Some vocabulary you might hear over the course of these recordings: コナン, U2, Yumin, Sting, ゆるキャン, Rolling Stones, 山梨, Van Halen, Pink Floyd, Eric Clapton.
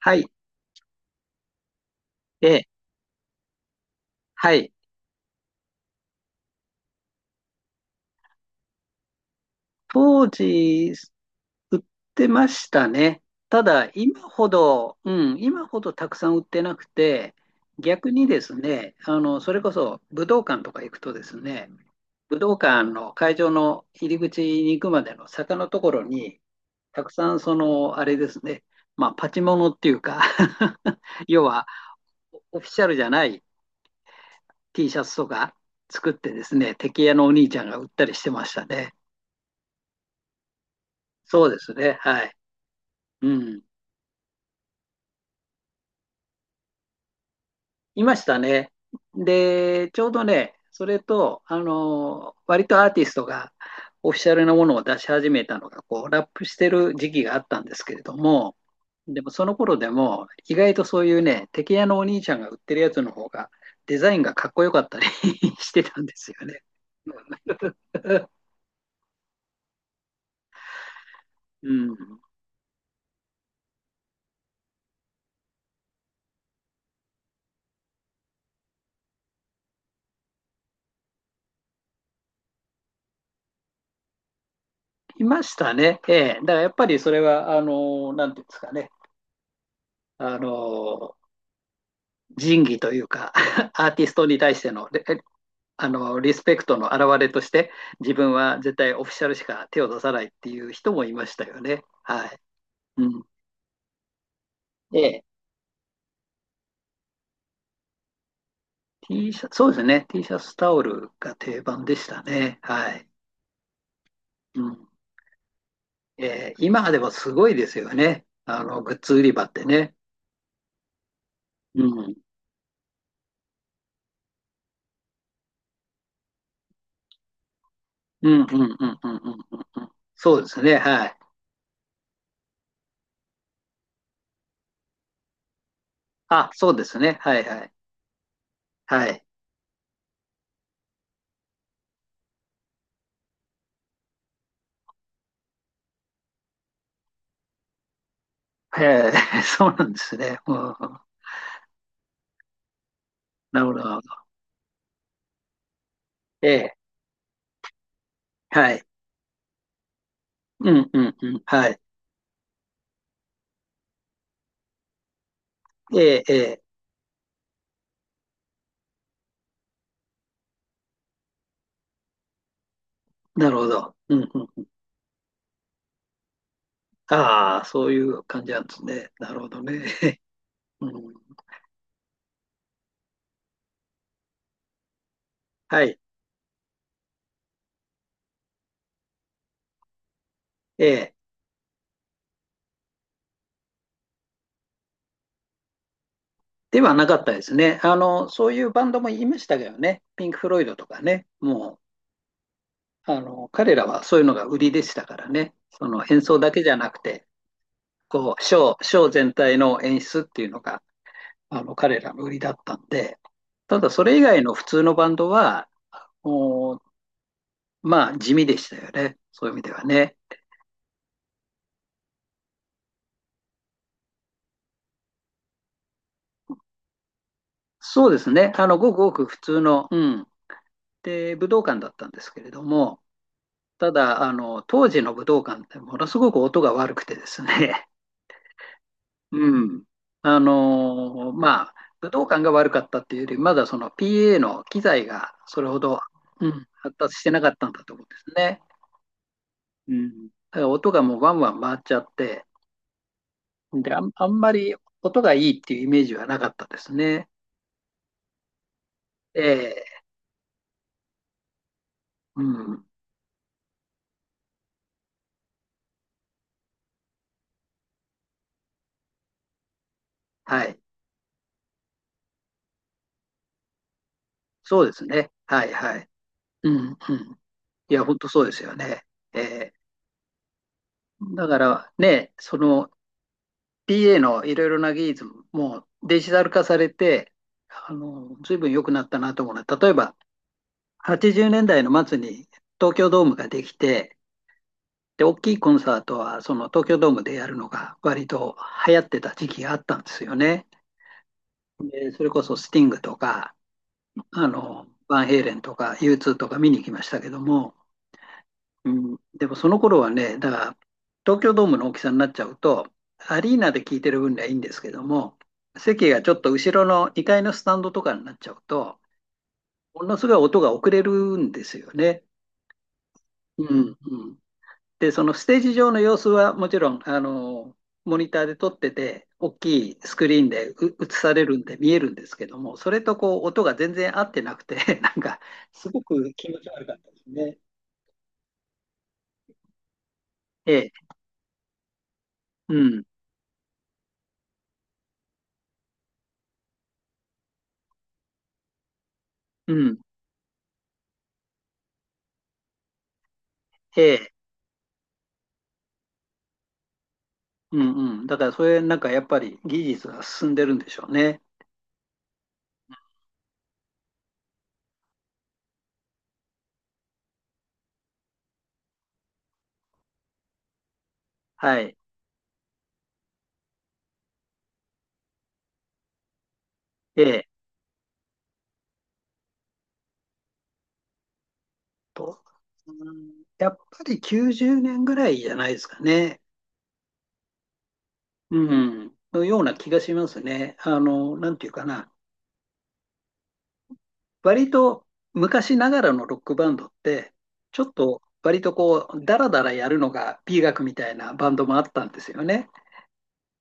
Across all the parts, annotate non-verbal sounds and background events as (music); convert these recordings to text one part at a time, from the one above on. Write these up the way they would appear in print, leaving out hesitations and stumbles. はい。え、はい。当時、売ってましたねただ、今ほど、今ほどたくさん売ってなくて、逆にですね、それこそ武道館とか行くとですね、武道館の会場の入り口に行くまでの坂のところに、たくさんあれですね、パチモノっていうか (laughs) 要は、オフィシャルじゃない T シャツとか作ってですね、敵屋のお兄ちゃんが売ったりしてましたね。そうですね、はい。うん。いましたね。で、ちょうどね、それと、割とアーティストがオフィシャルなものを出し始めたのが、こう、ラップしてる時期があったんですけれども、でもその頃でも、意外とそういうね、敵屋のお兄ちゃんが売ってるやつの方が、デザインがかっこよかったり (laughs) してたんですよね。うん。いましたね。ええ。だからやっぱりそれは、なんていうんですかね。あの、仁義というか、(laughs) アーティストに対してのレあのリスペクトの表れとして自分は絶対オフィシャルしか手を出さないっていう人もいましたよね。はい。うん、で、T シャツ、そうですね、T シャツタオルが定番でしたね。はい。うん、えー今でもすごいですよね。グッズ売り場ってね。うん。うんうんうんうんうんうんうん。そうですね。はい。あ、そうですね。はいはい。はい。えー、(laughs) そうなんですね。うん、なるほど、なるほど。ええはい。うんうんうん。はい。ええええなるほど。うんうん。ああ、そういう感じなんですね。なるほどね。(laughs) うん、はい。ええ。ではなかったですね。そういうバンドも言いましたけどね。ピンク・フロイドとかね。もう、あの、彼らはそういうのが売りでしたからね。その演奏だけじゃなくて、こう、ショー全体の演出っていうのが、彼らの売りだったんで、ただそれ以外の普通のバンドは、お地味でしたよね。そういう意味ではね。そうですね。ごくごく普通の、で、武道館だったんですけれども、ただ、当時の武道館ってものすごく音が悪くてですね、(laughs) うん。武道館が悪かったっていうより、まだその PA の機材がそれほど、うん、発達してなかったんだと思うんですね。うん。だから音がもうワンワン回っちゃって、で、あんまり音がいいっていうイメージはなかったですね。ええ、うん、はい。そうですね。はいはい。うんうん。いや、本当そうですよね。ええ。だからね、その PA のいろいろな技術ももうデジタル化されて、あの、随分良くなったなと思うのは、例えば80年代の末に東京ドームができて、で、大きいコンサートはその東京ドームでやるのが割と流行ってた時期があったんですよね。で、それこそスティングとか、あの、バンヘイレンとか U2 とか見に行きましたけども、うん、でもその頃はね、だから東京ドームの大きさになっちゃうと、アリーナで聞いてる分にはいいんですけども、席がちょっと後ろの2階のスタンドとかになっちゃうと、ものすごい音が遅れるんですよね。うんうん、で、そのステージ上の様子はもちろん、あの、モニターで撮ってて、大きいスクリーンでう映されるんで見えるんですけども、それとこう音が全然合ってなくて、(laughs) なんかすごく気持ち悪かったですね。ええ、うん、うん、ええ。うんうん。だからそれなんかやっぱり技術が進んでるんでしょうね。はい。ええと。うんやっぱり90年ぐらいじゃないですかね。うん。のような気がしますね。なんていうかな。割と昔ながらのロックバンドって、ちょっと割とこう、ダラダラやるのが美学みたいなバンドもあったんですよね。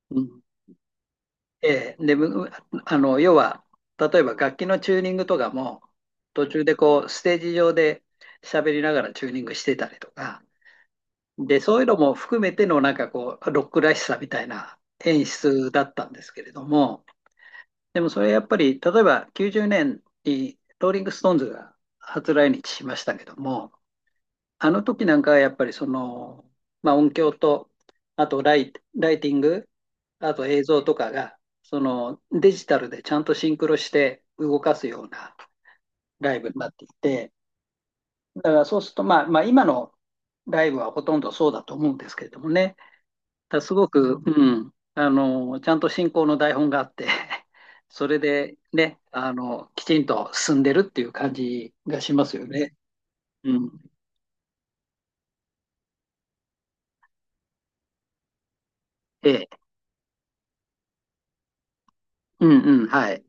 うんええで、む要は、例えば楽器のチューニングとかも、途中でこう、ステージ上で喋りながらチューニングしてたりとか、で、そういうのも含めての、なんかこう、ロックらしさみたいな演出だったんですけれども、でもそれやっぱり、例えば90年にローリング・ストーンズが初来日しましたけども、あの時なんかはやっぱりその、音響と、ライティング、あと映像とかが、そのデジタルでちゃんとシンクロして動かすようなライブになっていて、だからそうすると、まあ今のライブはほとんどそうだと思うんですけれどもね、ただすごく、ちゃんと進行の台本があって、(laughs) それでね、きちんと進んでるっていう感じがしますよね。うん。ええ。うんうん。はい。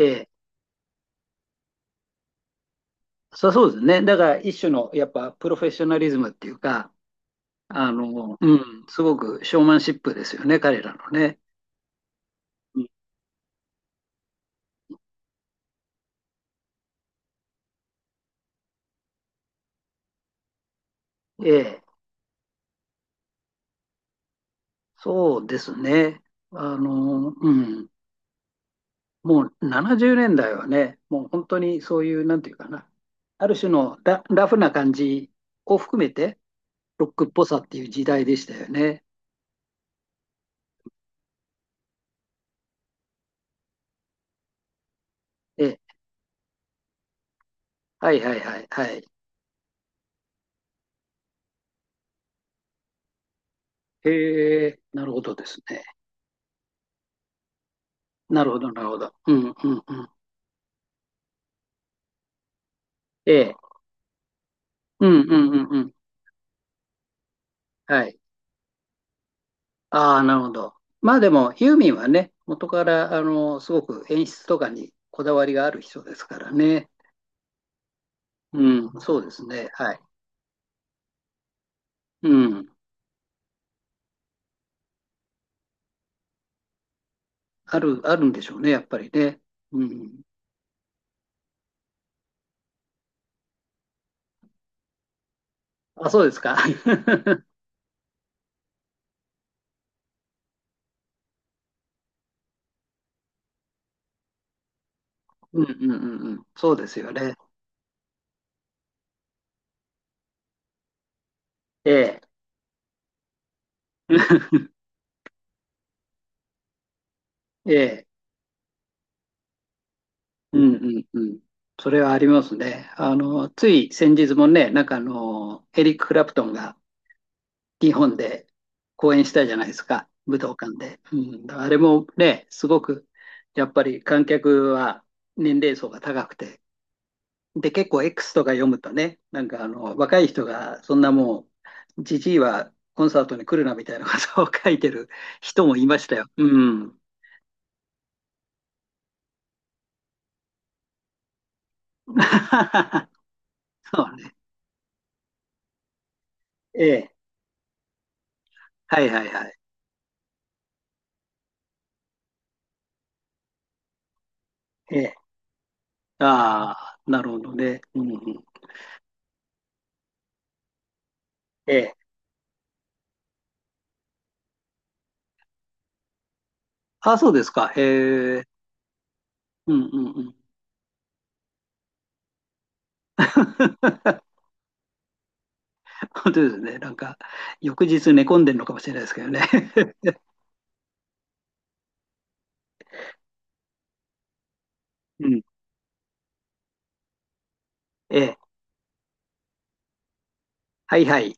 ええそうですね。だから一種のやっぱプロフェッショナリズムっていうか、すごくショーマンシップですよね、彼らのね。うんええ、そうですね。あの、うん、もう70年代はね、もう本当にそういう、なんていうかな、ある種のラフな感じを含めて、ロックっぽさっていう時代でしたよね。ええ、はいはいはいはい。へえ、なるほどですね。なるほど、なるほど。うんうんうん。ええ、うんうんうんうん。はい。ああ、なるほど。まあでも、ユーミンはね、元から、すごく演出とかにこだわりがある人ですからね。うん、そうですね。はい。うん。あるんでしょうね、やっぱりね。うん。あ、そうですか。(laughs) うんうんうんうん。そうですよね。ええ。(laughs) ええ。うんうんうん。それはありますね。つい先日もね、エリック・クラプトンが日本で公演したじゃないですか、武道館で。うん、あれもね、すごく、やっぱり観客は年齢層が高くて、で、結構 X とか読むとね、若い人が、そんなもう、じじいはコンサートに来るなみたいなことを書いてる人もいましたよ。うん。(laughs) そうね。ええ。はいはいはい。ええ。ああ、なるほどね。うんうん。ええ。あ、そうですか。へえ。うんうんうん。(laughs) 本当ですね。なんか、翌日寝込んでるのかもしれないですけどね。(laughs) うん。(laughs) ええ。はいはい。